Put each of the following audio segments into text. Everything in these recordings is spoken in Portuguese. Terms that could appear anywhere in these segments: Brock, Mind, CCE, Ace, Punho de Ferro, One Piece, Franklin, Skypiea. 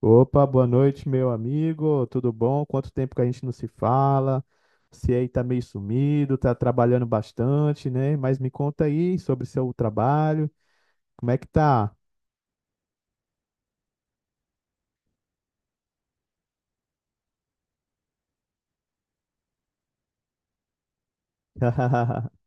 Opa, boa noite, meu amigo. Tudo bom? Quanto tempo que a gente não se fala? Você aí tá meio sumido, tá trabalhando bastante, né? Mas me conta aí sobre seu trabalho. Como é que tá?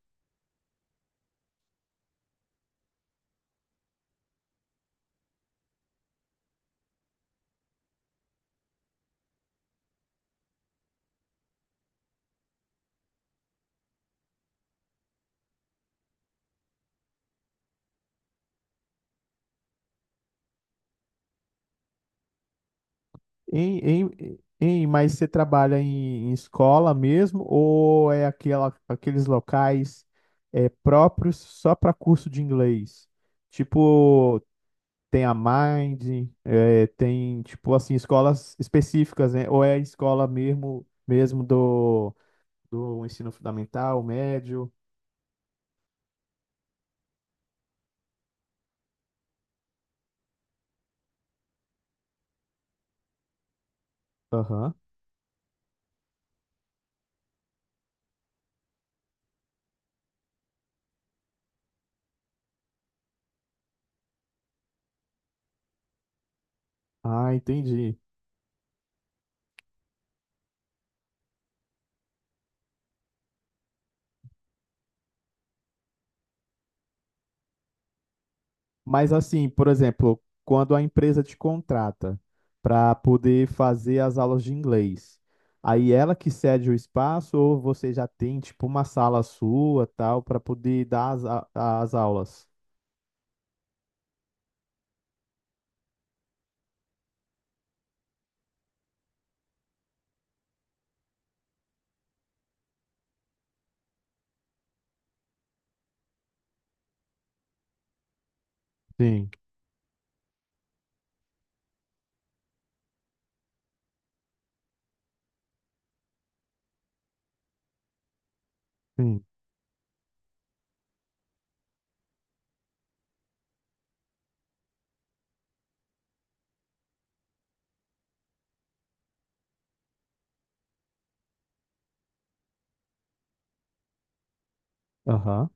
Hein, hein, hein, mas você trabalha em escola mesmo ou é aquela, aqueles locais, próprios só para curso de inglês? Tipo, tem a Mind, tem, tipo assim, escolas específicas, né? Ou é a escola mesmo, mesmo do ensino fundamental, médio. Aham. Ah, entendi. Mas assim, por exemplo, quando a empresa te contrata para poder fazer as aulas de inglês, aí ela que cede o espaço ou você já tem, tipo, uma sala sua, tal, para poder dar as aulas? Sim, sim. Aham.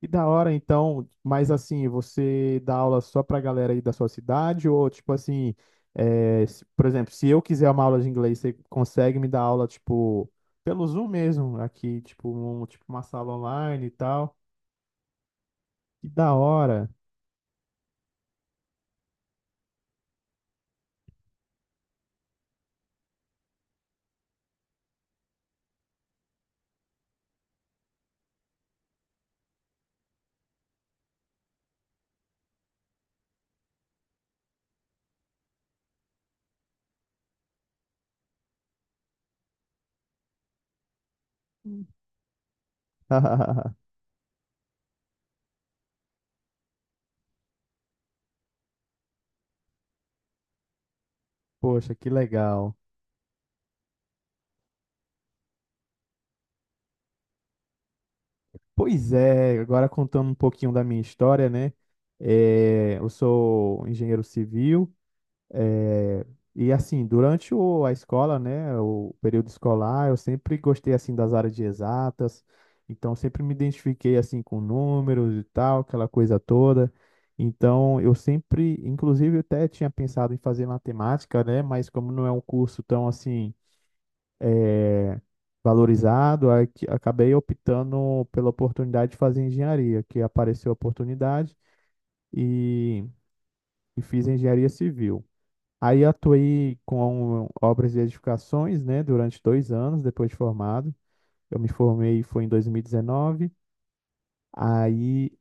E da hora, então. Mas assim, você dá aula só pra galera aí da sua cidade? Ou, tipo assim, por exemplo, se eu quiser uma aula de inglês, você consegue me dar aula, tipo, pelo Zoom mesmo, aqui, tipo, uma sala online e tal? Que da hora! Hum. Poxa, que legal. Pois é, agora contando um pouquinho da minha história, né? É, eu sou engenheiro civil. É, e assim, durante a escola, né, o período escolar, eu sempre gostei assim das áreas de exatas, então sempre me identifiquei assim com números e tal, aquela coisa toda. Então, eu sempre, inclusive, eu até tinha pensado em fazer matemática, né, mas como não é um curso tão assim valorizado, acabei optando pela oportunidade de fazer engenharia, que apareceu a oportunidade e, e fiz engenharia civil. Aí atuei com obras de edificações, né, durante 2 anos depois de formado. Eu me formei foi em 2019. Aí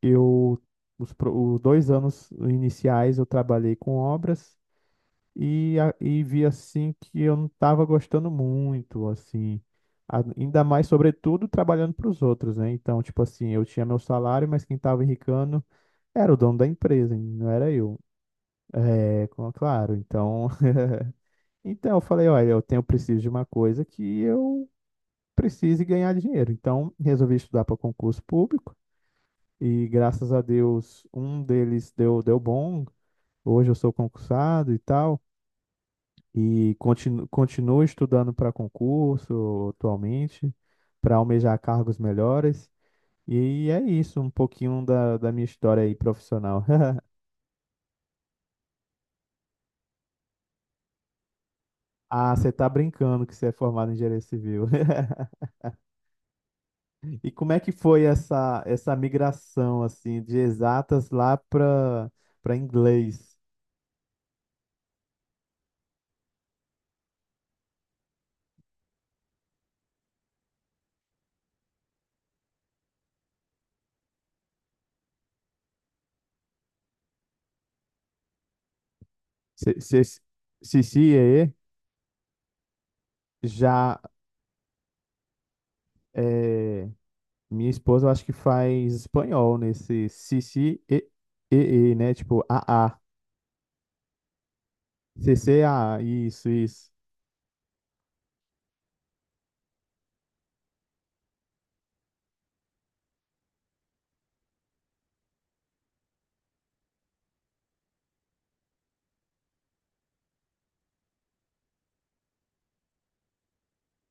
eu os, pro- os 2 anos iniciais eu trabalhei com obras, e vi assim que eu não estava gostando muito, assim. Ainda mais, sobretudo trabalhando para os outros, né? Então, tipo assim, eu tinha meu salário, mas quem estava enricando era o dono da empresa, não era eu. É, claro, então eu falei, olha, eu tenho preciso de uma coisa que eu precise ganhar dinheiro. Então resolvi estudar para concurso público e graças a Deus um deles deu bom. Hoje eu sou concursado e tal, e continuo estudando para concurso atualmente para almejar cargos melhores. E é isso, um pouquinho da minha história aí profissional. Ah, você tá brincando que você é formado em engenharia civil. E como é que foi essa migração assim de exatas lá para inglês? C C E já é, minha esposa eu acho que faz espanhol nesse C C E, né? Tipo A C AA, A, isso, isso.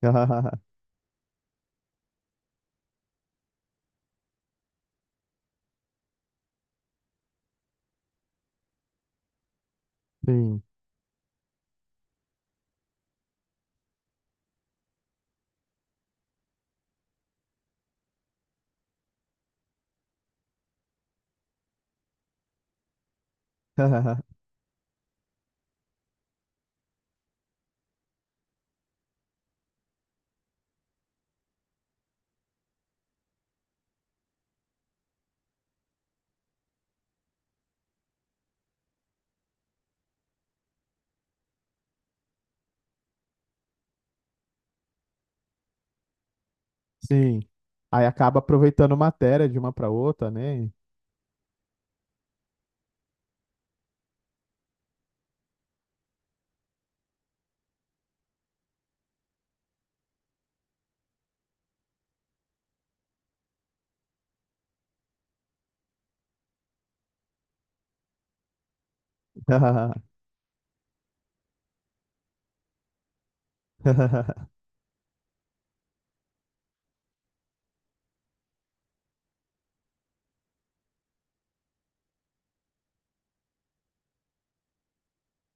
Sim. Sim. Aí acaba aproveitando matéria de uma para outra, né?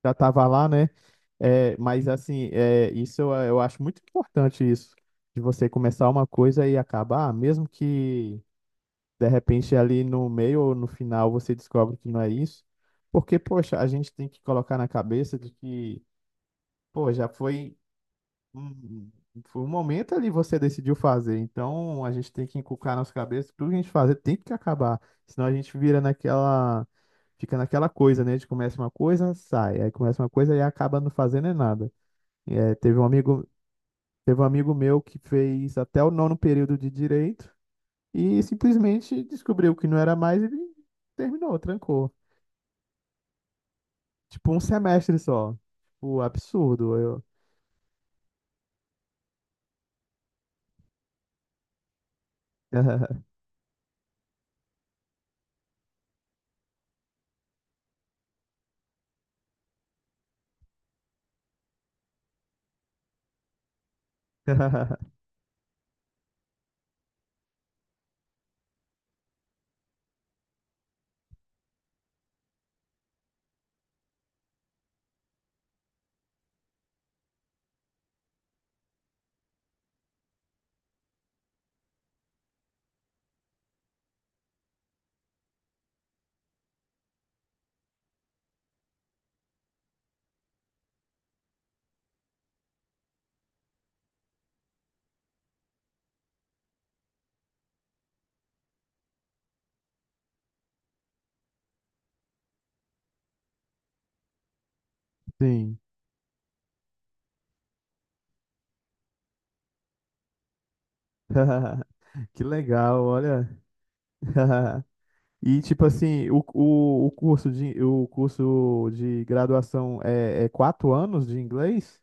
Já estava lá, né? É, mas assim, é, isso eu, acho muito importante isso, de você começar uma coisa e acabar, mesmo que de repente ali no meio ou no final você descobre que não é isso, porque, poxa, a gente tem que colocar na cabeça de que, pô, já foi. Hum, Foi um momento ali, você decidiu fazer, então a gente tem que inculcar nas cabeças que tudo que a gente fazer tem que acabar, senão a gente vira naquela, fica naquela coisa, né? A gente começa uma coisa, sai, aí começa uma coisa e acaba não fazendo é nada. É, teve um amigo meu que fez até o nono período de direito e simplesmente descobriu que não era mais, e terminou, trancou. Tipo um semestre só. Tipo, absurdo. Eu. Sim. Que legal, olha. E tipo assim, o curso de graduação é 4 anos de inglês?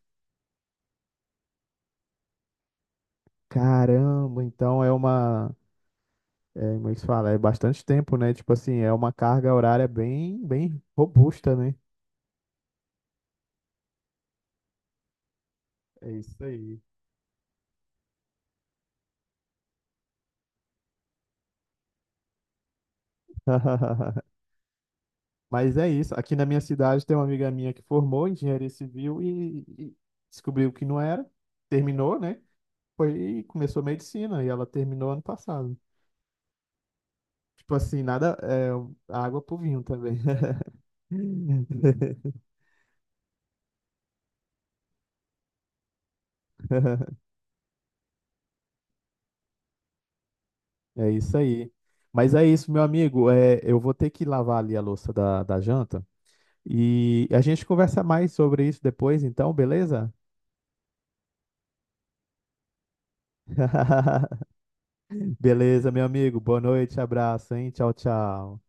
Caramba, então como é que se fala? É bastante tempo, né? Tipo assim, é uma carga horária bem bem robusta, né? É isso aí. Mas é isso. Aqui na minha cidade tem uma amiga minha que formou em engenharia civil e descobriu que não era, terminou, né? Foi, e começou medicina e ela terminou ano passado. Tipo assim, nada, é, água pro vinho também. É isso aí. Mas é isso, meu amigo. É, eu vou ter que lavar ali a louça da janta. E a gente conversa mais sobre isso depois, então, beleza? Beleza, meu amigo. Boa noite, abraço, hein? Tchau, tchau.